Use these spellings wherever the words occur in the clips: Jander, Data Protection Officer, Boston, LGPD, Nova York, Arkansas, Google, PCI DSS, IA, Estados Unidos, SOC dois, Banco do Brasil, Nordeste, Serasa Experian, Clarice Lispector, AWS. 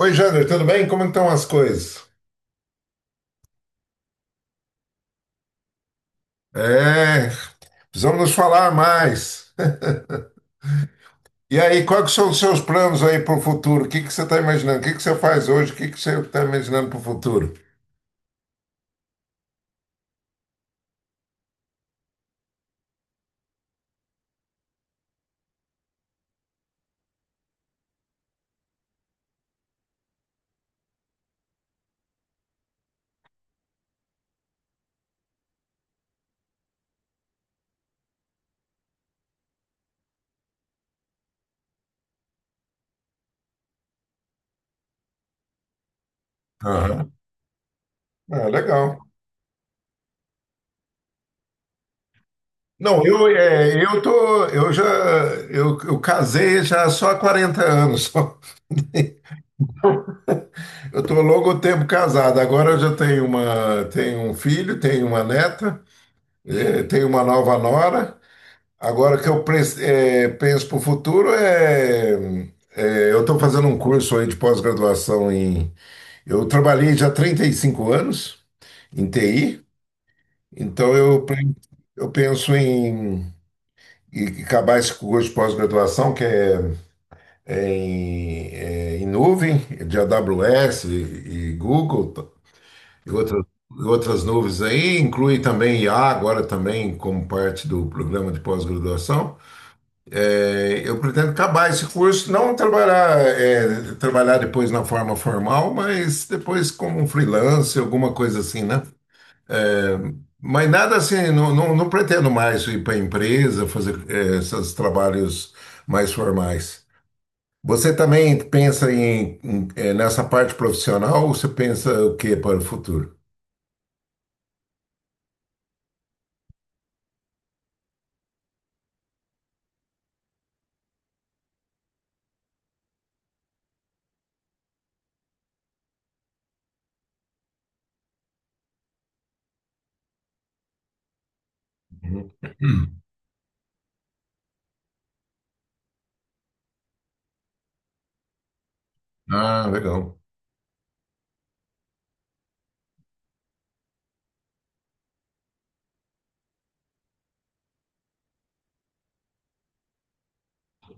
Oi, Jander, tudo bem? Como estão as coisas? É, precisamos nos falar mais. E aí, quais que são os seus planos aí para o futuro? O que que você está imaginando? O que que você faz hoje? O que que você está imaginando para o futuro? Aham. Ah, legal. Não, eu, é, eu tô, eu já, eu casei já só há 40 anos. Eu tô longo tempo casado. Agora eu já tenho um filho, tenho uma neta, tenho uma nova nora. Agora o que eu penso para o futuro eu estou fazendo um curso aí de pós-graduação em. Eu trabalhei já 35 anos em TI, então eu penso em acabar esse curso de pós-graduação, que é em nuvem, de AWS e Google e outras, e outras nuvens aí, inclui também IA agora também como parte do programa de pós-graduação. Eu pretendo acabar esse curso, não trabalhar depois na forma formal, mas depois como um freelance, alguma coisa assim, né? É, mas nada assim, não, não, não pretendo mais ir para a empresa, fazer esses trabalhos mais formais. Você também pensa em nessa parte profissional ou você pensa o que para o futuro? Uhum. Hum. Ah, legal.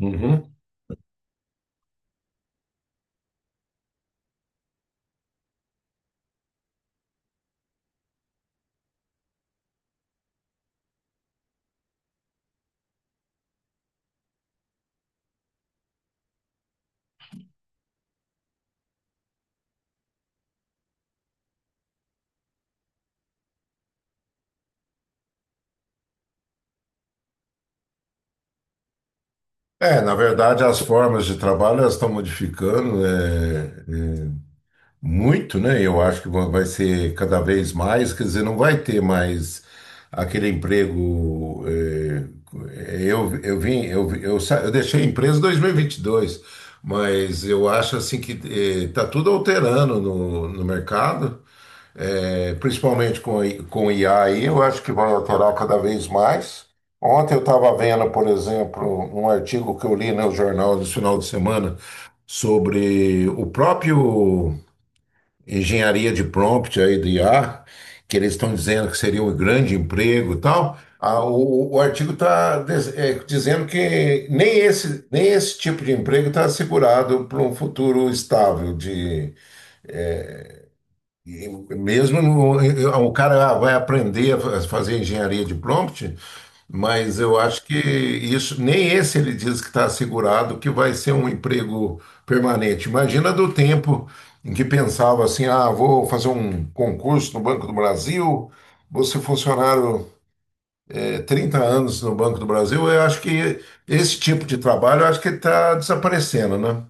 Uhum. Na verdade, as formas de trabalho elas estão modificando, né? é, Muito, né? Eu acho que vai ser cada vez mais, quer dizer, não vai ter mais aquele emprego. Eu vim, eu, vi- eu, sa- eu deixei a empresa em 2022, mas eu acho assim que está tudo alterando no mercado, principalmente com IA aí, eu acho que vai alterar cada vez mais. Ontem eu estava vendo, por exemplo, um artigo que eu li no jornal no final de semana sobre o próprio engenharia de prompt aí do IA, que eles estão dizendo que seria um grande emprego e tal, o artigo está dizendo que nem esse, tipo de emprego está assegurado para um futuro estável de, e mesmo o cara, vai aprender a fazer engenharia de prompt, mas eu acho que isso, nem esse ele diz que está assegurado que vai ser um emprego permanente. Imagina do tempo em que pensava assim: ah, vou fazer um concurso no Banco do Brasil, vou ser funcionário 30 anos no Banco do Brasil. Eu acho que esse tipo de trabalho, eu acho que está desaparecendo, né?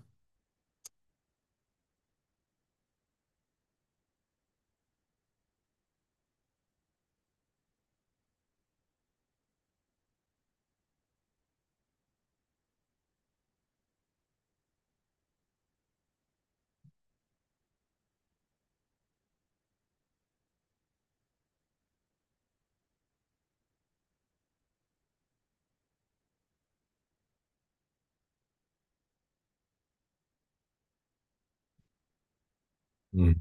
Hum.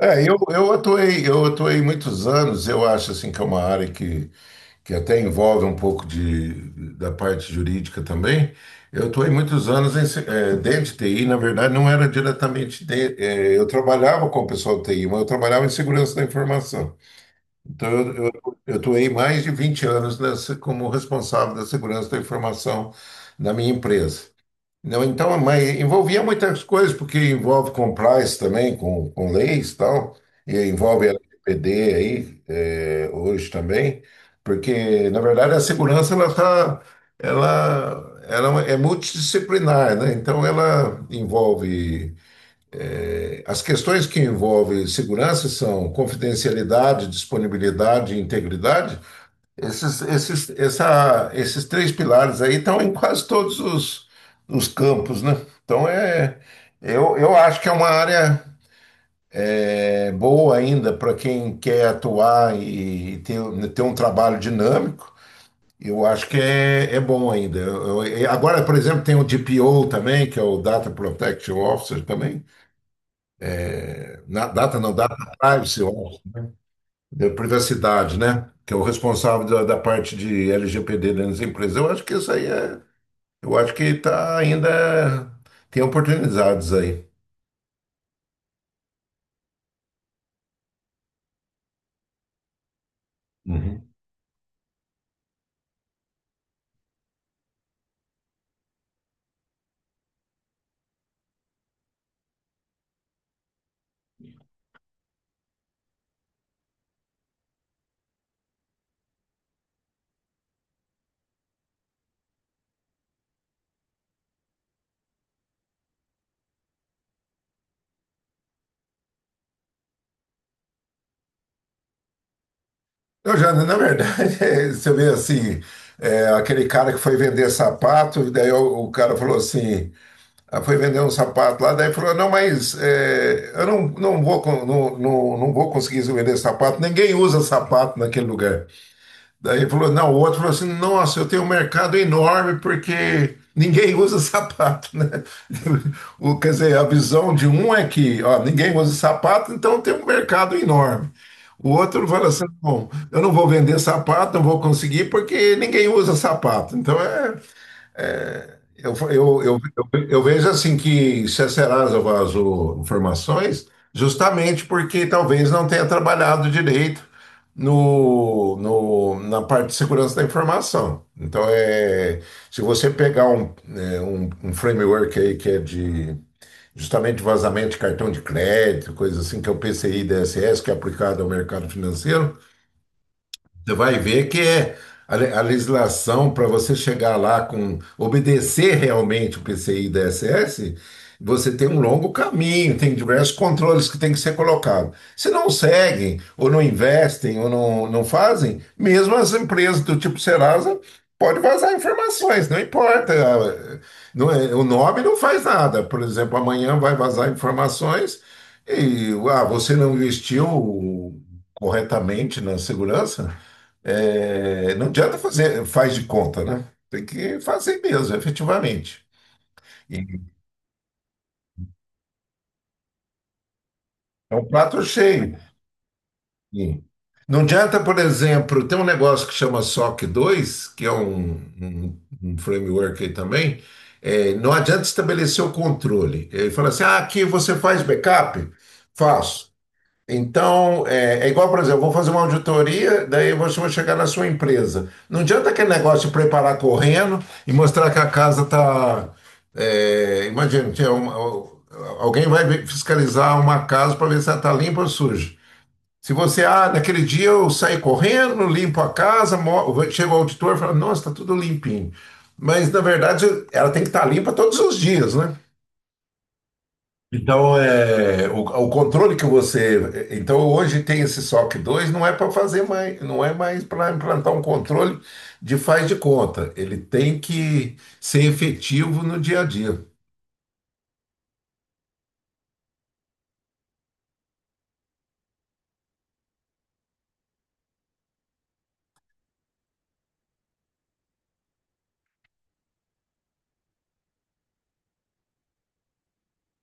Eu atuei muitos anos, eu acho assim que é uma área que até envolve um pouco da parte jurídica também. Eu estou aí muitos anos dentro de TI, na verdade, não era diretamente. Eu trabalhava com o pessoal do TI, mas eu trabalhava em segurança da informação. Então, eu estou aí mais de 20 anos nessa, como responsável da segurança da informação da minha empresa. Não, então, mas envolvia muitas coisas, porque envolve compliance também, com leis e tal, e envolve a LGPD aí, hoje também, porque, na verdade, a segurança, ela é multidisciplinar, né? Então, ela envolve, as questões que envolvem segurança são confidencialidade, disponibilidade e integridade, esses três pilares aí estão em quase todos os campos, né? Então, eu acho que é uma área boa ainda para quem quer atuar e ter um trabalho dinâmico. Eu acho que é bom ainda. E agora, por exemplo, tem o DPO também, que é o Data Protection Officer também. Na, data não, Data Privacy Officer, da privacidade, né? Que é o responsável da parte de LGPD dentro das empresas. Eu acho que isso aí é. Eu acho que tá ainda tem oportunidades aí. Uhum. Eu já, na verdade, você vê assim, aquele cara que foi vender sapato, e daí o cara falou assim: ah, foi vender um sapato lá, daí falou, não, mas eu não, não vou, não, não, não vou conseguir vender sapato, ninguém usa sapato naquele lugar. Daí ele falou, não, o outro falou assim: nossa, eu tenho um mercado enorme porque ninguém usa sapato, né? O, quer dizer, a visão de um é que, ó, ninguém usa sapato, então tem um mercado enorme. O outro fala assim: bom, eu não vou vender sapato, não vou conseguir porque ninguém usa sapato. Então, eu, eu, eu, eu vejo assim que se a Serasa vazou informações, justamente porque talvez não tenha trabalhado direito no, no, na parte de segurança da informação. Então, se você pegar um framework aí que é de justamente vazamento de cartão de crédito, coisa assim, que é o PCI DSS, que é aplicado ao mercado financeiro, você vai ver que é a legislação para você chegar lá com obedecer realmente o PCI DSS, você tem um longo caminho, tem diversos controles que tem que ser colocado. Se não seguem, ou não investem, ou não, não fazem, mesmo as empresas do tipo Serasa pode vazar informações, não importa. Não é- o nome não faz nada. Por exemplo, amanhã vai vazar informações e você não investiu corretamente na segurança? Não adianta fazer, faz de conta, né? Tem que fazer mesmo, efetivamente. E é um prato cheio. E não adianta, por exemplo, tem um negócio que chama SOC 2 que é um framework aí também. Não adianta estabelecer o controle. Ele fala assim: ah, aqui você faz backup? Faço. Então, é igual, por exemplo, eu vou fazer uma auditoria, daí você vai chegar na sua empresa. Não adianta aquele negócio de preparar correndo e mostrar que a casa está. Imagina, alguém vai fiscalizar uma casa para ver se ela está limpa ou suja. Se você, naquele dia eu saí correndo, limpo a casa, chega o auditor e fala, nossa, está tudo limpinho. Mas, na verdade, ela tem que estar limpa todos os dias, né? Então, o controle que você. Então, hoje tem esse SOC 2 não é para fazer mais, não é mais para implantar um controle de faz de conta. Ele tem que ser efetivo no dia a dia.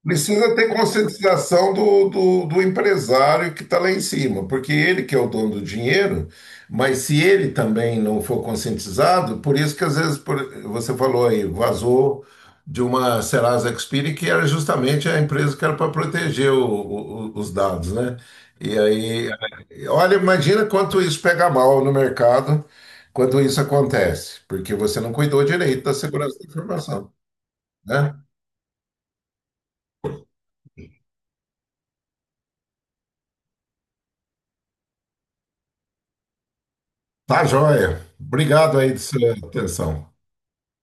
Precisa ter conscientização do empresário que está lá em cima, porque ele que é o dono do dinheiro, mas se ele também não for conscientizado, por isso que às vezes você falou aí, vazou de uma Serasa Experian, que era justamente a empresa que era para proteger os dados, né? E aí, olha, imagina quanto isso pega mal no mercado quando isso acontece, porque você não cuidou direito da segurança da informação, né? Tá joia. Obrigado aí da sua atenção.